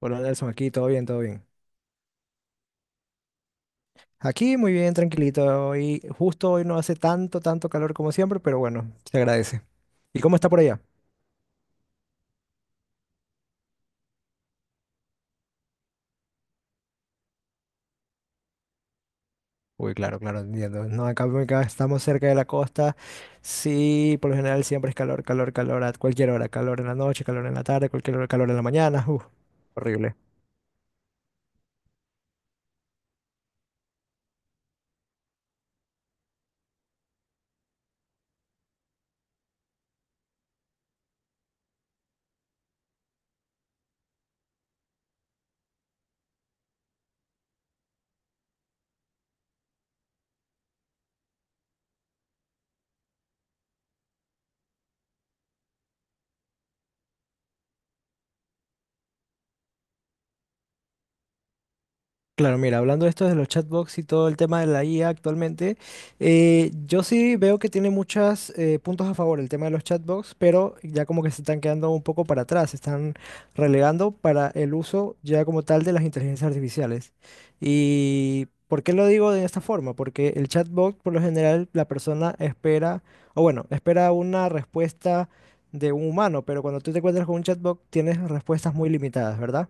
Hola Nelson, aquí todo bien, todo bien. Aquí muy bien, tranquilito. Y justo hoy no hace tanto calor como siempre, pero bueno, se agradece. ¿Y cómo está por allá? Uy, claro, claro, entiendo. No, acá estamos cerca de la costa. Sí, por lo general siempre es calor, calor, calor a cualquier hora. Calor en la noche, calor en la tarde, cualquier hora, calor en la mañana. Uf, horrible. Claro, mira, hablando de esto de los chatbots y todo el tema de la IA actualmente, yo sí veo que tiene muchos puntos a favor el tema de los chatbots, pero ya como que se están quedando un poco para atrás, se están relegando para el uso ya como tal de las inteligencias artificiales. ¿Y por qué lo digo de esta forma? Porque el chatbot, por lo general, la persona espera, o bueno, espera una respuesta de un humano, pero cuando tú te encuentras con un chatbot, tienes respuestas muy limitadas, ¿verdad?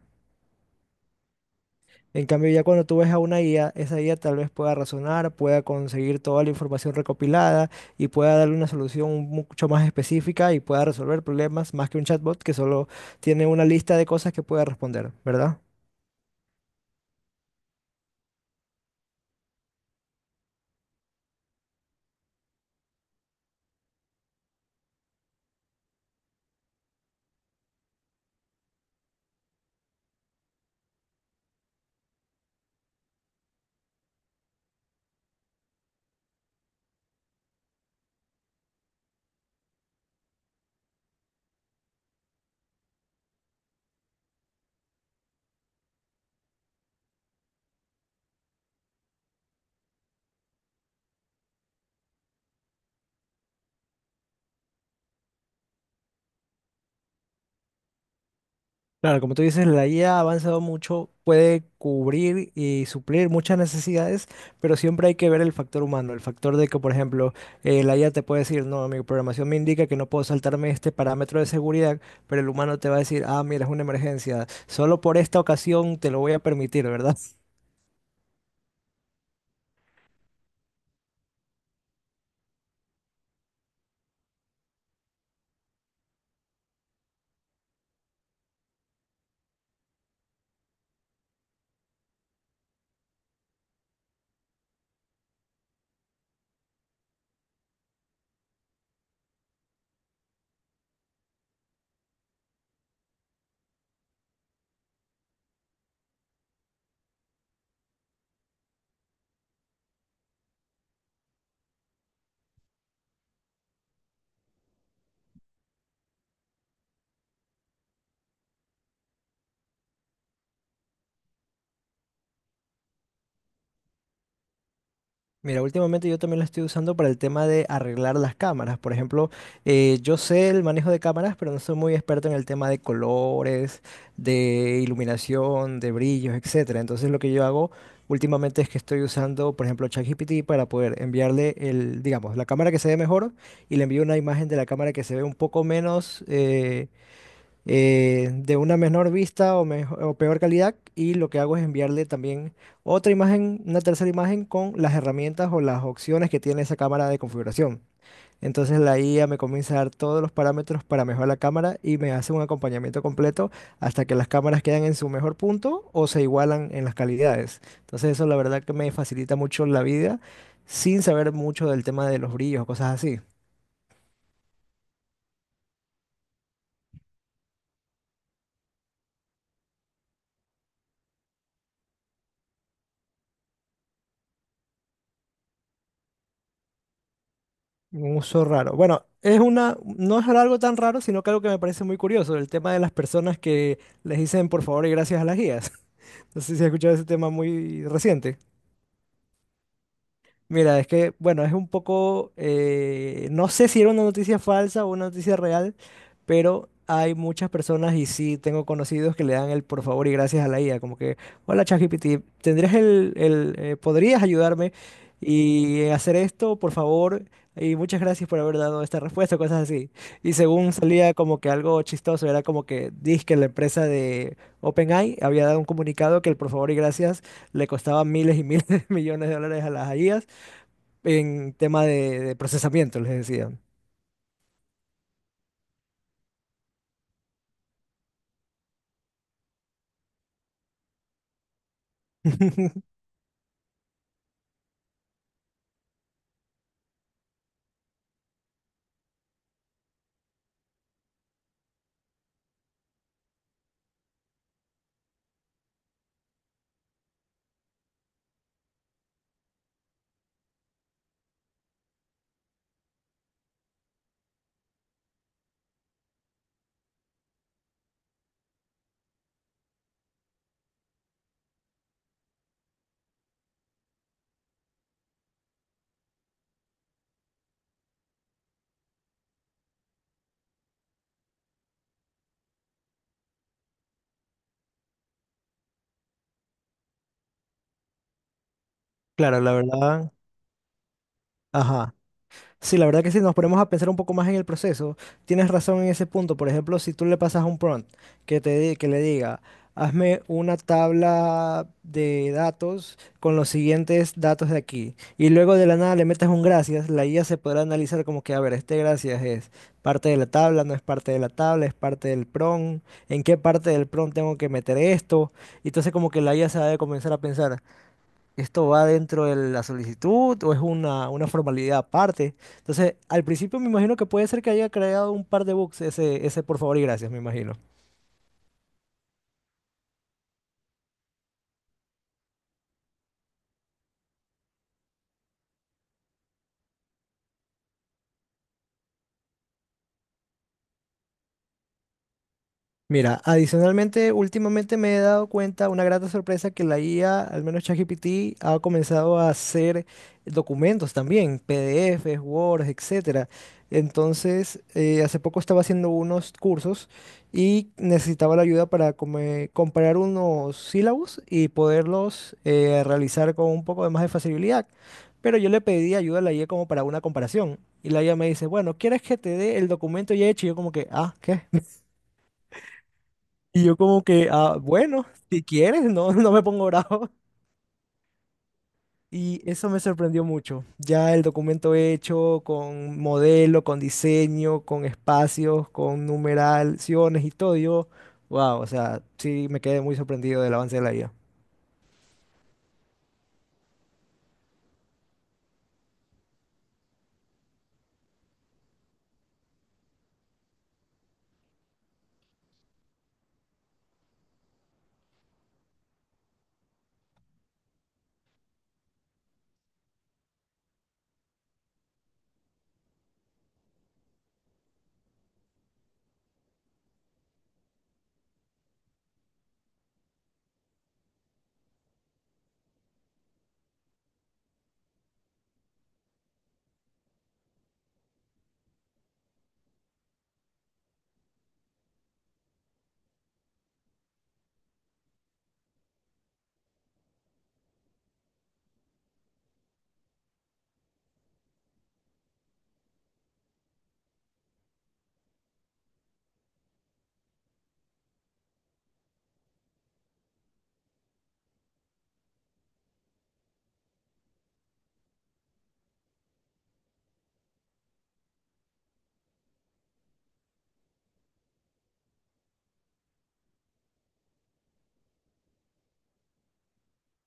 En cambio, ya cuando tú ves a una IA, esa IA tal vez pueda razonar, pueda conseguir toda la información recopilada y pueda darle una solución mucho más específica y pueda resolver problemas más que un chatbot que solo tiene una lista de cosas que pueda responder, ¿verdad? Claro, como tú dices, la IA ha avanzado mucho, puede cubrir y suplir muchas necesidades, pero siempre hay que ver el factor humano, el factor de que, por ejemplo, la IA te puede decir, no, mi programación me indica que no puedo saltarme este parámetro de seguridad, pero el humano te va a decir, ah, mira, es una emergencia, solo por esta ocasión te lo voy a permitir, ¿verdad? Mira, últimamente yo también lo estoy usando para el tema de arreglar las cámaras. Por ejemplo, yo sé el manejo de cámaras, pero no soy muy experto en el tema de colores, de iluminación, de brillos, etcétera. Entonces lo que yo hago últimamente es que estoy usando, por ejemplo, ChatGPT para poder enviarle el, digamos, la cámara que se ve mejor y le envío una imagen de la cámara que se ve un poco menos, de una menor vista o, o peor calidad y lo que hago es enviarle también otra imagen, una tercera imagen con las herramientas o las opciones que tiene esa cámara de configuración. Entonces la IA me comienza a dar todos los parámetros para mejorar la cámara y me hace un acompañamiento completo hasta que las cámaras quedan en su mejor punto o se igualan en las calidades. Entonces eso la verdad que me facilita mucho la vida sin saber mucho del tema de los brillos o cosas así. Un uso raro. Bueno, es una, no es algo tan raro, sino que algo que me parece muy curioso, el tema de las personas que les dicen por favor y gracias a las guías. No sé si has escuchado ese tema muy reciente. Mira, es que, bueno, es un poco, no sé si era una noticia falsa o una noticia real, pero hay muchas personas y sí tengo conocidos que le dan el por favor y gracias a la IA, como que, hola ChatGPT, tendrías podrías ayudarme y hacer esto, por favor, y muchas gracias por haber dado esta respuesta, cosas así. Y según salía como que algo chistoso, era como que la empresa de OpenAI, había dado un comunicado que el por favor y gracias le costaba miles y miles de millones de dólares a las IA en tema de procesamiento, les decía. Claro, la verdad. Ajá. Sí, la verdad que si nos ponemos a pensar un poco más en el proceso, tienes razón en ese punto. Por ejemplo, si tú le pasas un prompt que le diga, hazme una tabla de datos con los siguientes datos de aquí, y luego de la nada le metes un gracias, la IA se podrá analizar como que, a ver, este gracias es parte de la tabla, no es parte de la tabla, es parte del prompt, en qué parte del prompt tengo que meter esto. Y entonces como que la IA se va a comenzar a pensar. ¿Esto va dentro de la solicitud o es una formalidad aparte? Entonces, al principio me imagino que puede ser que haya creado un par de bugs ese por favor y gracias, me imagino. Mira, adicionalmente, últimamente me he dado cuenta, una grata sorpresa, que la IA, al menos ChatGPT, ha comenzado a hacer documentos también, PDFs, Word, etcétera. Entonces, hace poco estaba haciendo unos cursos y necesitaba la ayuda para comparar unos sílabos y poderlos realizar con un poco de más de facilidad. Pero yo le pedí ayuda a la IA como para una comparación. Y la IA me dice, bueno, ¿quieres que te dé el documento ya hecho? Y yo como que, ah, ¿qué? Y yo como que, ah, bueno, si quieres, no, no me pongo bravo. Y eso me sorprendió mucho. Ya el documento hecho con modelo, con diseño, con espacios, con numeraciones y todo, yo, wow, o sea, sí me quedé muy sorprendido del avance de la IA.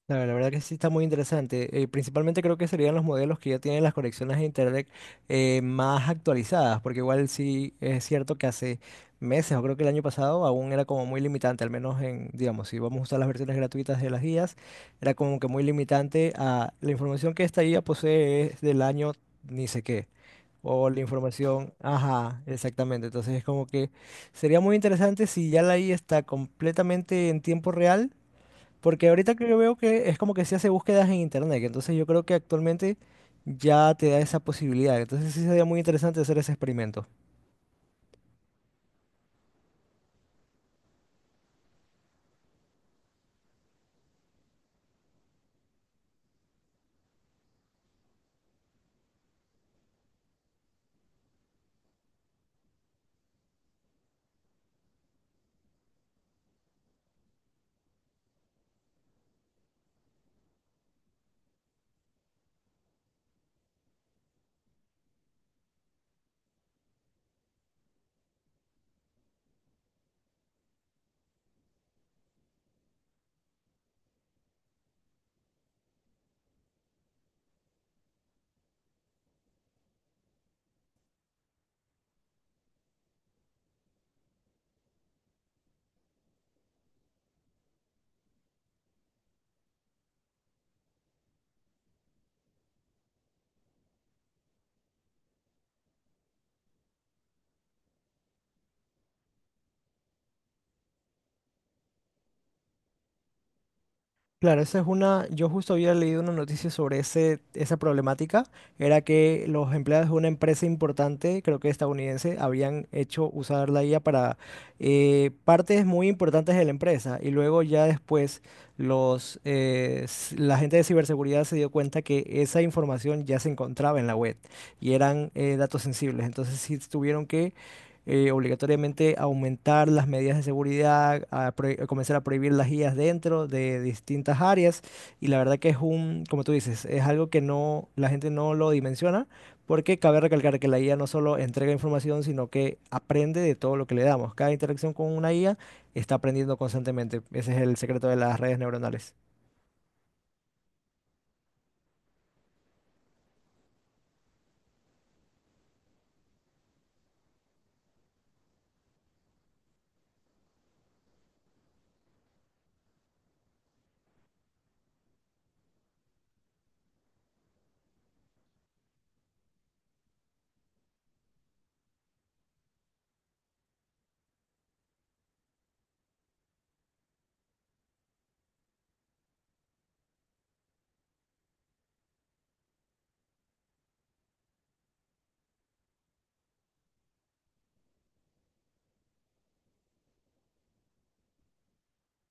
Claro, la verdad que sí está muy interesante. Principalmente creo que serían los modelos que ya tienen las conexiones de Internet más actualizadas, porque igual sí es cierto que hace meses, o creo que el año pasado, aún era como muy limitante, al menos en, digamos, si vamos a usar las versiones gratuitas de las guías, era como que muy limitante a la información que esta guía posee es del año ni sé qué. O la información, ajá, exactamente. Entonces es como que sería muy interesante si ya la guía está completamente en tiempo real porque ahorita que yo veo que es como que se hace búsquedas en internet, que entonces yo creo que actualmente ya te da esa posibilidad. Entonces sí sería muy interesante hacer ese experimento. Claro, esa es una, yo justo había leído una noticia sobre esa problemática, era que los empleados de una empresa importante, creo que estadounidense, habían hecho usar la IA para partes muy importantes de la empresa y luego ya después la gente de ciberseguridad se dio cuenta que esa información ya se encontraba en la web y eran datos sensibles, entonces sí tuvieron que obligatoriamente aumentar las medidas de seguridad, a comenzar a prohibir las IAs dentro de distintas áreas. Y la verdad que es como tú dices, es algo que no, la gente no lo dimensiona, porque cabe recalcar que la IA no solo entrega información, sino que aprende de todo lo que le damos. Cada interacción con una IA está aprendiendo constantemente. Ese es el secreto de las redes neuronales.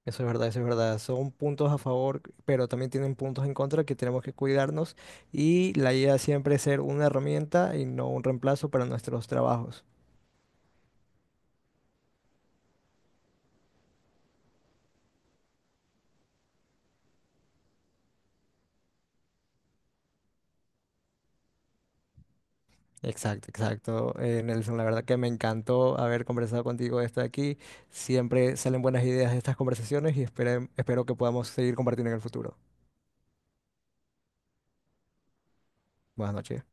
Eso es verdad, eso es verdad. Son puntos a favor, pero también tienen puntos en contra que tenemos que cuidarnos y la idea siempre es ser una herramienta y no un reemplazo para nuestros trabajos. Exacto, exacto. Nelson, la verdad que me encantó haber conversado contigo de esto de aquí. Siempre salen buenas ideas de estas conversaciones y espero que podamos seguir compartiendo en el futuro. Buenas noches.